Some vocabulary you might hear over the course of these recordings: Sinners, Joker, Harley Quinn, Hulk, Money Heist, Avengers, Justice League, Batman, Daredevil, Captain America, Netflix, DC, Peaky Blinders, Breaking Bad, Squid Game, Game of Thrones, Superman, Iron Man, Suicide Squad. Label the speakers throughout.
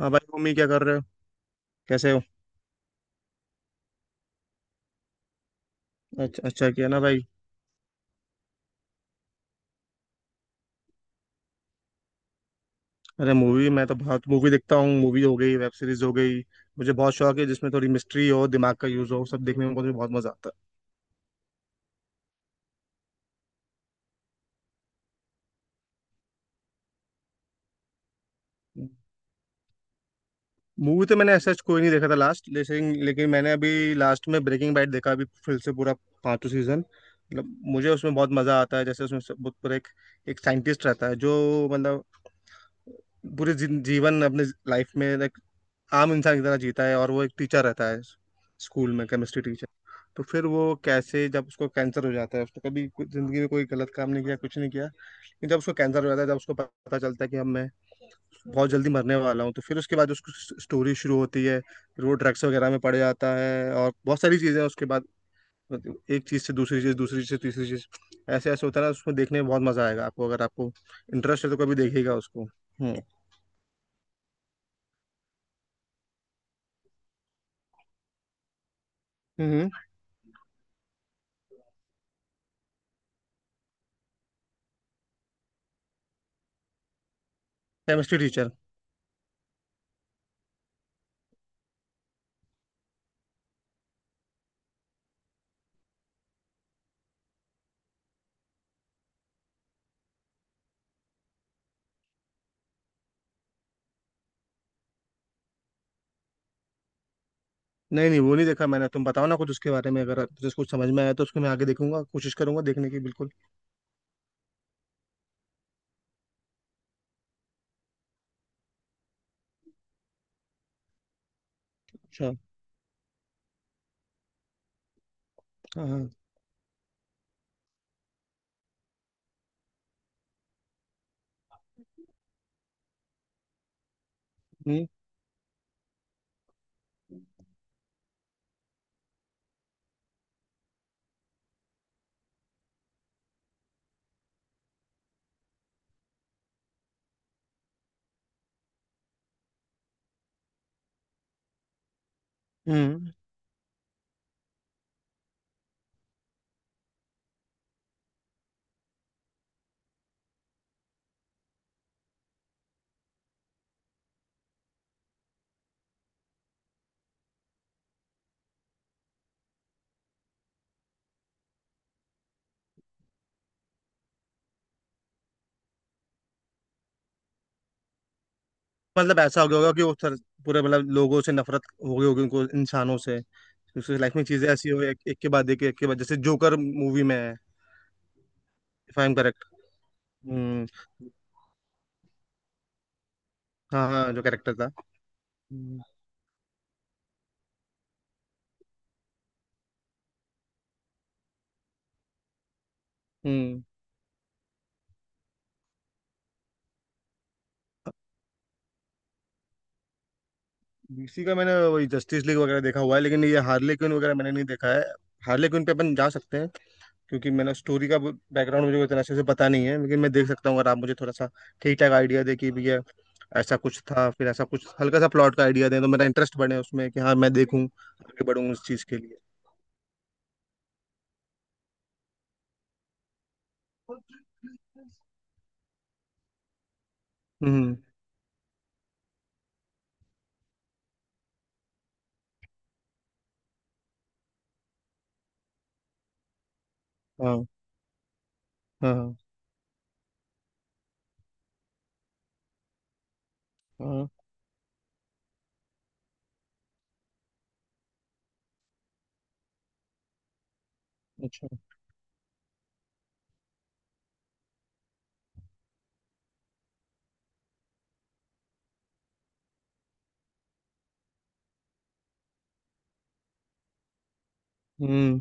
Speaker 1: हाँ भाई, मम्मी क्या कर रहे हो। कैसे हो। अच्छा अच्छा किया ना भाई। अरे मूवी, मैं तो बहुत मूवी देखता हूँ। मूवी हो गई, वेब सीरीज हो गई। मुझे बहुत शौक है जिसमें थोड़ी मिस्ट्री हो, दिमाग का यूज हो। सब देखने में मुझे बहुत मजा आता है। मूवी तो मैंने ऐसा कोई नहीं देखा था लास्ट, लेकिन लेकिन मैंने अभी लास्ट में ब्रेकिंग बैड देखा अभी फिर से पूरा पांचों सीजन। मतलब मुझे उसमें बहुत मजा आता है। जैसे उसमें बहुत पूरा एक एक साइंटिस्ट रहता है जो, मतलब पूरे जीवन अपने लाइफ में आम इंसान की तरह जीता है, और वो एक टीचर रहता है, स्कूल में केमिस्ट्री टीचर। तो फिर वो कैसे जब उसको कैंसर हो जाता है, उसने कभी जिंदगी में कोई गलत काम नहीं किया, कुछ नहीं किया, लेकिन जब उसको कैंसर हो जाता है, जब उसको पता चलता है कि अब मैं बहुत जल्दी मरने वाला हूँ, तो फिर उसके बाद उसकी स्टोरी शुरू होती है। फिर वो ड्रग्स वगैरह में पड़ जाता है और बहुत सारी चीज़ें उसके बाद, मतलब एक चीज़ से दूसरी चीज़, दूसरी चीज़ से तीसरी चीज़, ऐसे ऐसे होता है ना। उसमें देखने में बहुत मज़ा आएगा आपको, अगर आपको इंटरेस्ट है तो कभी देखिएगा उसको। हम्म। Chemistry teacher. नहीं नहीं, वो नहीं देखा मैंने। तुम बताओ ना कुछ उसके बारे में, अगर तुझे कुछ समझ में आया तो उसको मैं आगे देखूंगा, कोशिश करूंगा देखने की, बिल्कुल। अच्छा। हाँ हाँ। हम्म हम्म। मतलब ऐसा हो गया होगा कि वो सर पूरे मतलब लोगों से नफरत हो गई होगी उनको, इंसानों से। उसकी लाइफ में चीजें ऐसी हो, एक, एक के बाद एक, एक के बाद, जैसे जोकर मूवी में है। If I am correct. हम्म। हाँ हाँ, जो कैरेक्टर था। हम्म। हम्म। DC का मैंने वही जस्टिस लीग वगैरह देखा हुआ है, लेकिन ये हार्ले क्विन वगैरह मैंने नहीं देखा है। हार्ले क्विन पे अपन जा सकते हैं, क्योंकि मैंने स्टोरी का बैकग्राउंड मुझे इतना अच्छे से पता नहीं है, लेकिन मैं देख सकता हूँ अगर आप मुझे थोड़ा सा ठीक ठाक आइडिया दे कि भैया ऐसा कुछ था, फिर ऐसा कुछ, हल्का सा प्लॉट का आइडिया दें तो मेरा इंटरेस्ट बढ़े उसमें, कि हाँ मैं देखूँ, आगे बढूं उस चीज़ के लिए। हम्म। हाँ हाँ। हाँ हाँ। अच्छा। हम्म।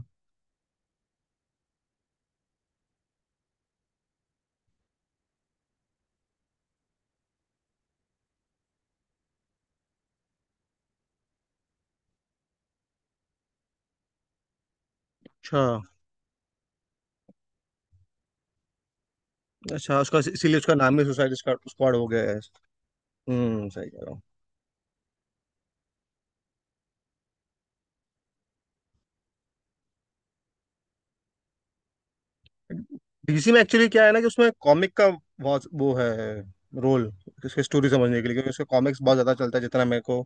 Speaker 1: अच्छा। अच्छा उसका इसीलिए उसका नाम ही सुसाइड स्क्वाड हो गया है। हम्म, सही कह रहा हूँ। डीसी में एक्चुअली क्या है ना, कि उसमें कॉमिक का बहुत वो है, रोल, उसकी स्टोरी समझने के लिए। क्योंकि उसके कॉमिक्स बहुत ज्यादा चलता है, जितना मेरे को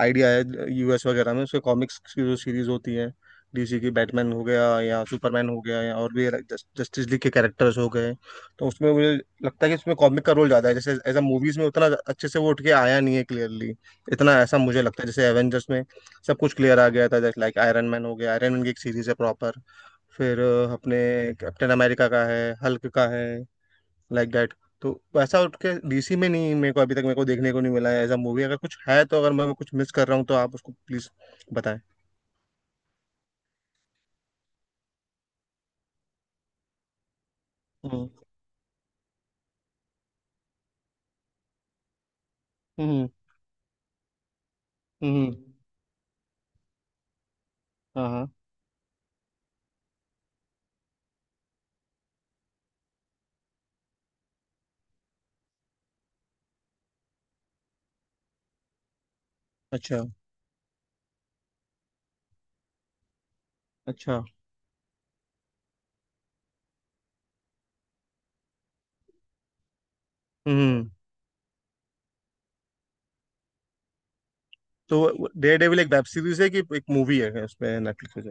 Speaker 1: आइडिया है, यूएस वगैरह में उसके कॉमिक्स की जो सीरीज होती है डीसी की। बैटमैन हो गया या सुपरमैन हो गया या और भी जस्टिस लीग के कैरेक्टर्स हो गए। तो उसमें मुझे लगता है कि उसमें कॉमिक का रोल ज्यादा है, जैसे एज अ मूवीज में उतना अच्छे से वो उठ के आया नहीं है क्लियरली, इतना, ऐसा मुझे लगता है। जैसे एवेंजर्स में सब कुछ क्लियर आ गया था, जैसे लाइक आयरन मैन हो गया, आयरन मैन की एक सीरीज है प्रॉपर, फिर अपने कैप्टन अमेरिका का है, हल्क का है, लाइक दैट। तो वैसा उठ के डीसी में नहीं, मेरे को अभी तक मेरे को देखने को नहीं मिला है एज अ मूवी। अगर कुछ है तो, अगर मैं कुछ मिस कर रहा हूँ तो आप उसको प्लीज बताएं। हम्म हम्म हम्म। हाँ हाँ। अच्छा। अच्छा। हम्म। तो डेयर डेविल एक वेब सीरीज है कि एक मूवी है उसमें, नेटफ्लिक्स पे जो।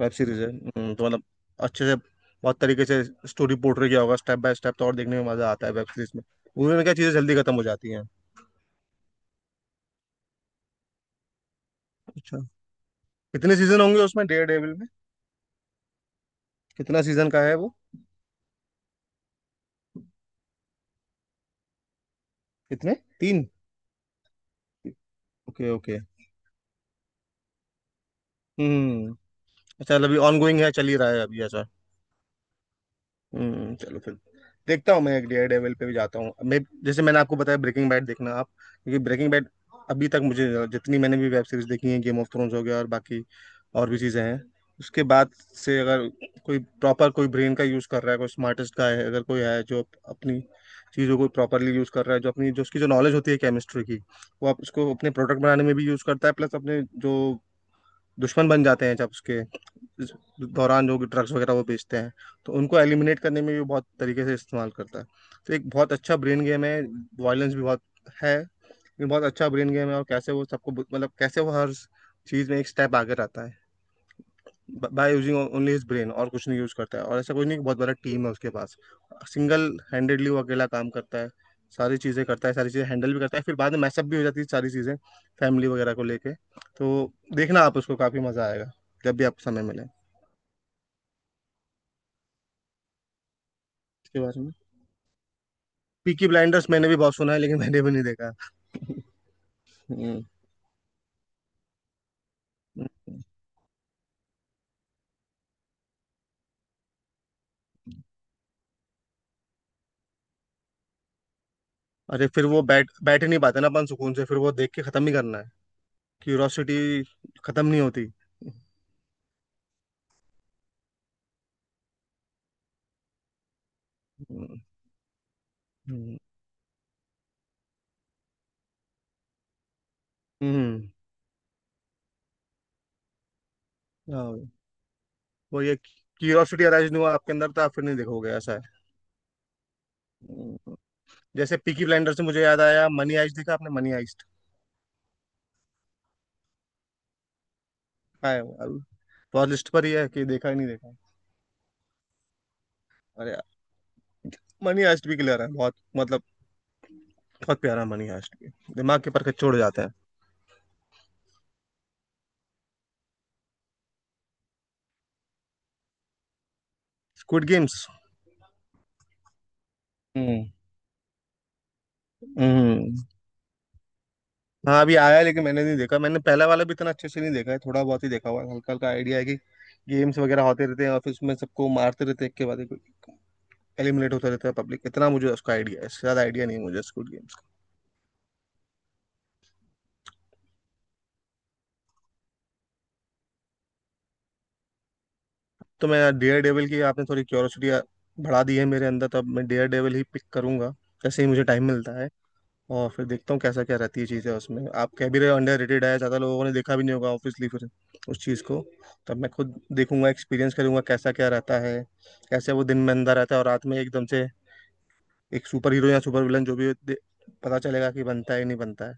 Speaker 1: वेब सीरीज है। हम्म। तो मतलब अच्छे से बहुत तरीके से स्टोरी पोर्ट्रे किया होगा स्टेप बाय स्टेप, तो और देखने में मजा आता है वेब सीरीज में। मूवी में क्या चीजें जल्दी खत्म हो जाती हैं। अच्छा, कितने सीजन होंगे उसमें, डेयर डेविल में। कितना सीजन का है वो। कितने। तीन। Okay okay. हम्म। अच्छा अभी ऑनगोइंग है, चल ही रहा है अभी, ऐसा। हम्म, चलो फिर। देखता हूँ मैं, एक डेयर डेविल पे भी जाता हूँ मैं, जैसे मैंने आपको बताया ब्रेकिंग बैड देखना आप। क्योंकि ब्रेकिंग बैड अभी तक, मुझे जितनी मैंने भी वेब सीरीज देखी है, गेम ऑफ थ्रोन्स हो गया और बाकी और भी चीज़ें हैं, उसके बाद से अगर कोई प्रॉपर, कोई ब्रेन का यूज़ कर रहा है, कोई स्मार्टेस्ट का है, अगर कोई है जो अपनी चीज़ों को प्रॉपरली यूज़ कर रहा है, जो अपनी, जो उसकी जो नॉलेज होती है केमिस्ट्री की, वो आप उसको अपने प्रोडक्ट बनाने में भी यूज़ करता है, प्लस अपने जो दुश्मन बन जाते हैं जब उसके इस दौरान, जो ड्रग्स वगैरह वो बेचते हैं, तो उनको एलिमिनेट करने में भी बहुत तरीके से इस्तेमाल करता है। तो एक बहुत अच्छा ब्रेन गेम है। वायलेंस भी बहुत है, लेकिन बहुत अच्छा ब्रेन गेम है। और कैसे वो सबको, मतलब कैसे वो हर चीज़ में एक स्टेप आगे रहता है, by using only his brain, और कुछ नहीं यूज करता है। और ऐसा कुछ नहीं कि बहुत बड़ा टीम है उसके पास, सिंगल हैंडेडली वो अकेला काम करता है, सारी चीज़ें करता है, सारी चीज़ें हैंडल भी करता है, फिर बाद में मैसअप भी हो जाती है सारी चीज़ें फैमिली वगैरह को लेके। तो देखना आप उसको, काफ़ी मज़ा आएगा, जब भी आपको समय मिले। इसके बारे में, पीकी ब्लाइंडर्स, मैंने भी बहुत सुना है लेकिन मैंने भी नहीं देखा। हम्म। अरे, फिर वो बैठ बैठ ही नहीं पाते ना अपन सुकून से, फिर वो देख के ख़त्म ही करना है। क्यूरोसिटी ख़त्म नहीं होती। हम्म हम्म हम्म। हाँ। वो ये क्यूरियोसिटी अराइज नहीं हुआ आपके अंदर तो आप फिर नहीं देखोगे, ऐसा है। हम्म। जैसे पीकी ब्लाइंडर से मुझे याद आया, मनी आइस्ट देखा आपने, मनी आइस्ट। आया। बहुत लिस्ट पर ही है कि देखा ही नहीं, देखा। अरे यार, मनी आइस्ट भी क्लियर है बहुत, मतलब बहुत प्यारा, मनी आइस्ट भी दिमाग के परखच छोड़ जाते हैं। Squid Games. हम्म हम्म। हाँ अभी आया है, लेकिन मैंने नहीं देखा, मैंने पहला वाला भी इतना अच्छे से नहीं देखा है, थोड़ा बहुत ही देखा हुआ है, हल्का हल्का आइडिया है कि गेम्स वगैरह होते रहते हैं और फिर उसमें सबको मारते रहते हैं, एक के बाद एक एलिमिनेट होता रहता है पब्लिक, इतना मुझे उसका आइडिया है, इससे ज्यादा आइडिया नहीं है मुझे स्क्विड गेम। तो मैं, डेयर डेविल की आपने थोड़ी क्यूरियोसिटी बढ़ा दी है मेरे अंदर, तब मैं डेयर डेविल ही पिक करूंगा जैसे ही मुझे टाइम मिलता है। और फिर देखता हूँ कैसा क्या रहती है चीज़ें उसमें, आप कह भी रहे हो अंडर रेटेड है, ज़्यादा लोगों ने देखा भी नहीं होगा ऑब्वियसली, फिर उस चीज़ को तब मैं खुद देखूंगा, एक्सपीरियंस करूंगा कैसा क्या रहता है, कैसे वो दिन में अंदर रहता है और रात में एकदम से एक सुपर हीरो या सुपर विलन जो भी हो, पता चलेगा कि बनता है या नहीं बनता है।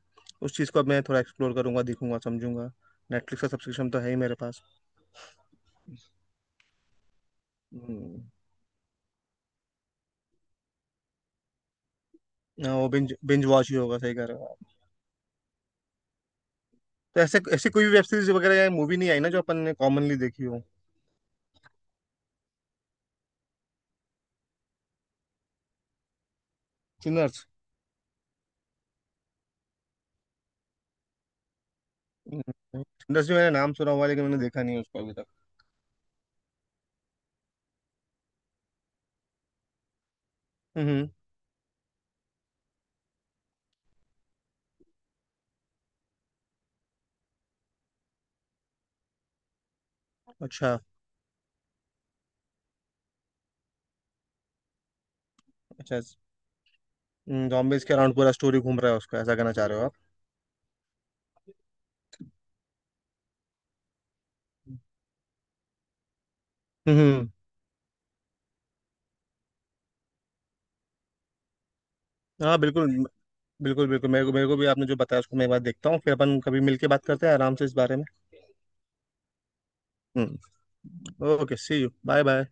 Speaker 1: उस चीज़ को अब मैं थोड़ा एक्सप्लोर करूंगा, देखूंगा, समझूंगा। नेटफ्लिक्स का सब्सक्रिप्शन तो है ही मेरे पास। हम्म। हाँ, वो बिंज बिंज वॉच ही होगा, सही कह रहे हो। तो ऐसे, ऐसी कोई भी वेब सीरीज वगैरह या मूवी नहीं आई ना जो अपन ने कॉमनली देखी हो। सिनर्स। सिनर्स भी मैंने नाम सुना हुआ है, लेकिन मैंने देखा नहीं है उसको अभी तक। हम्म। अच्छा। अच्छा, जॉम्बीज के अराउंड पूरा स्टोरी घूम रहा है उसका, ऐसा कहना चाह रहे हो आप। हम्म हम्म। हाँ बिल्कुल बिल्कुल बिल्कुल, मेरे को, भी आपने जो बताया उसको मैं एक बार देखता हूँ, फिर अपन कभी मिलके बात करते हैं आराम से इस बारे में। हम्म। Okay, see you, bye bye.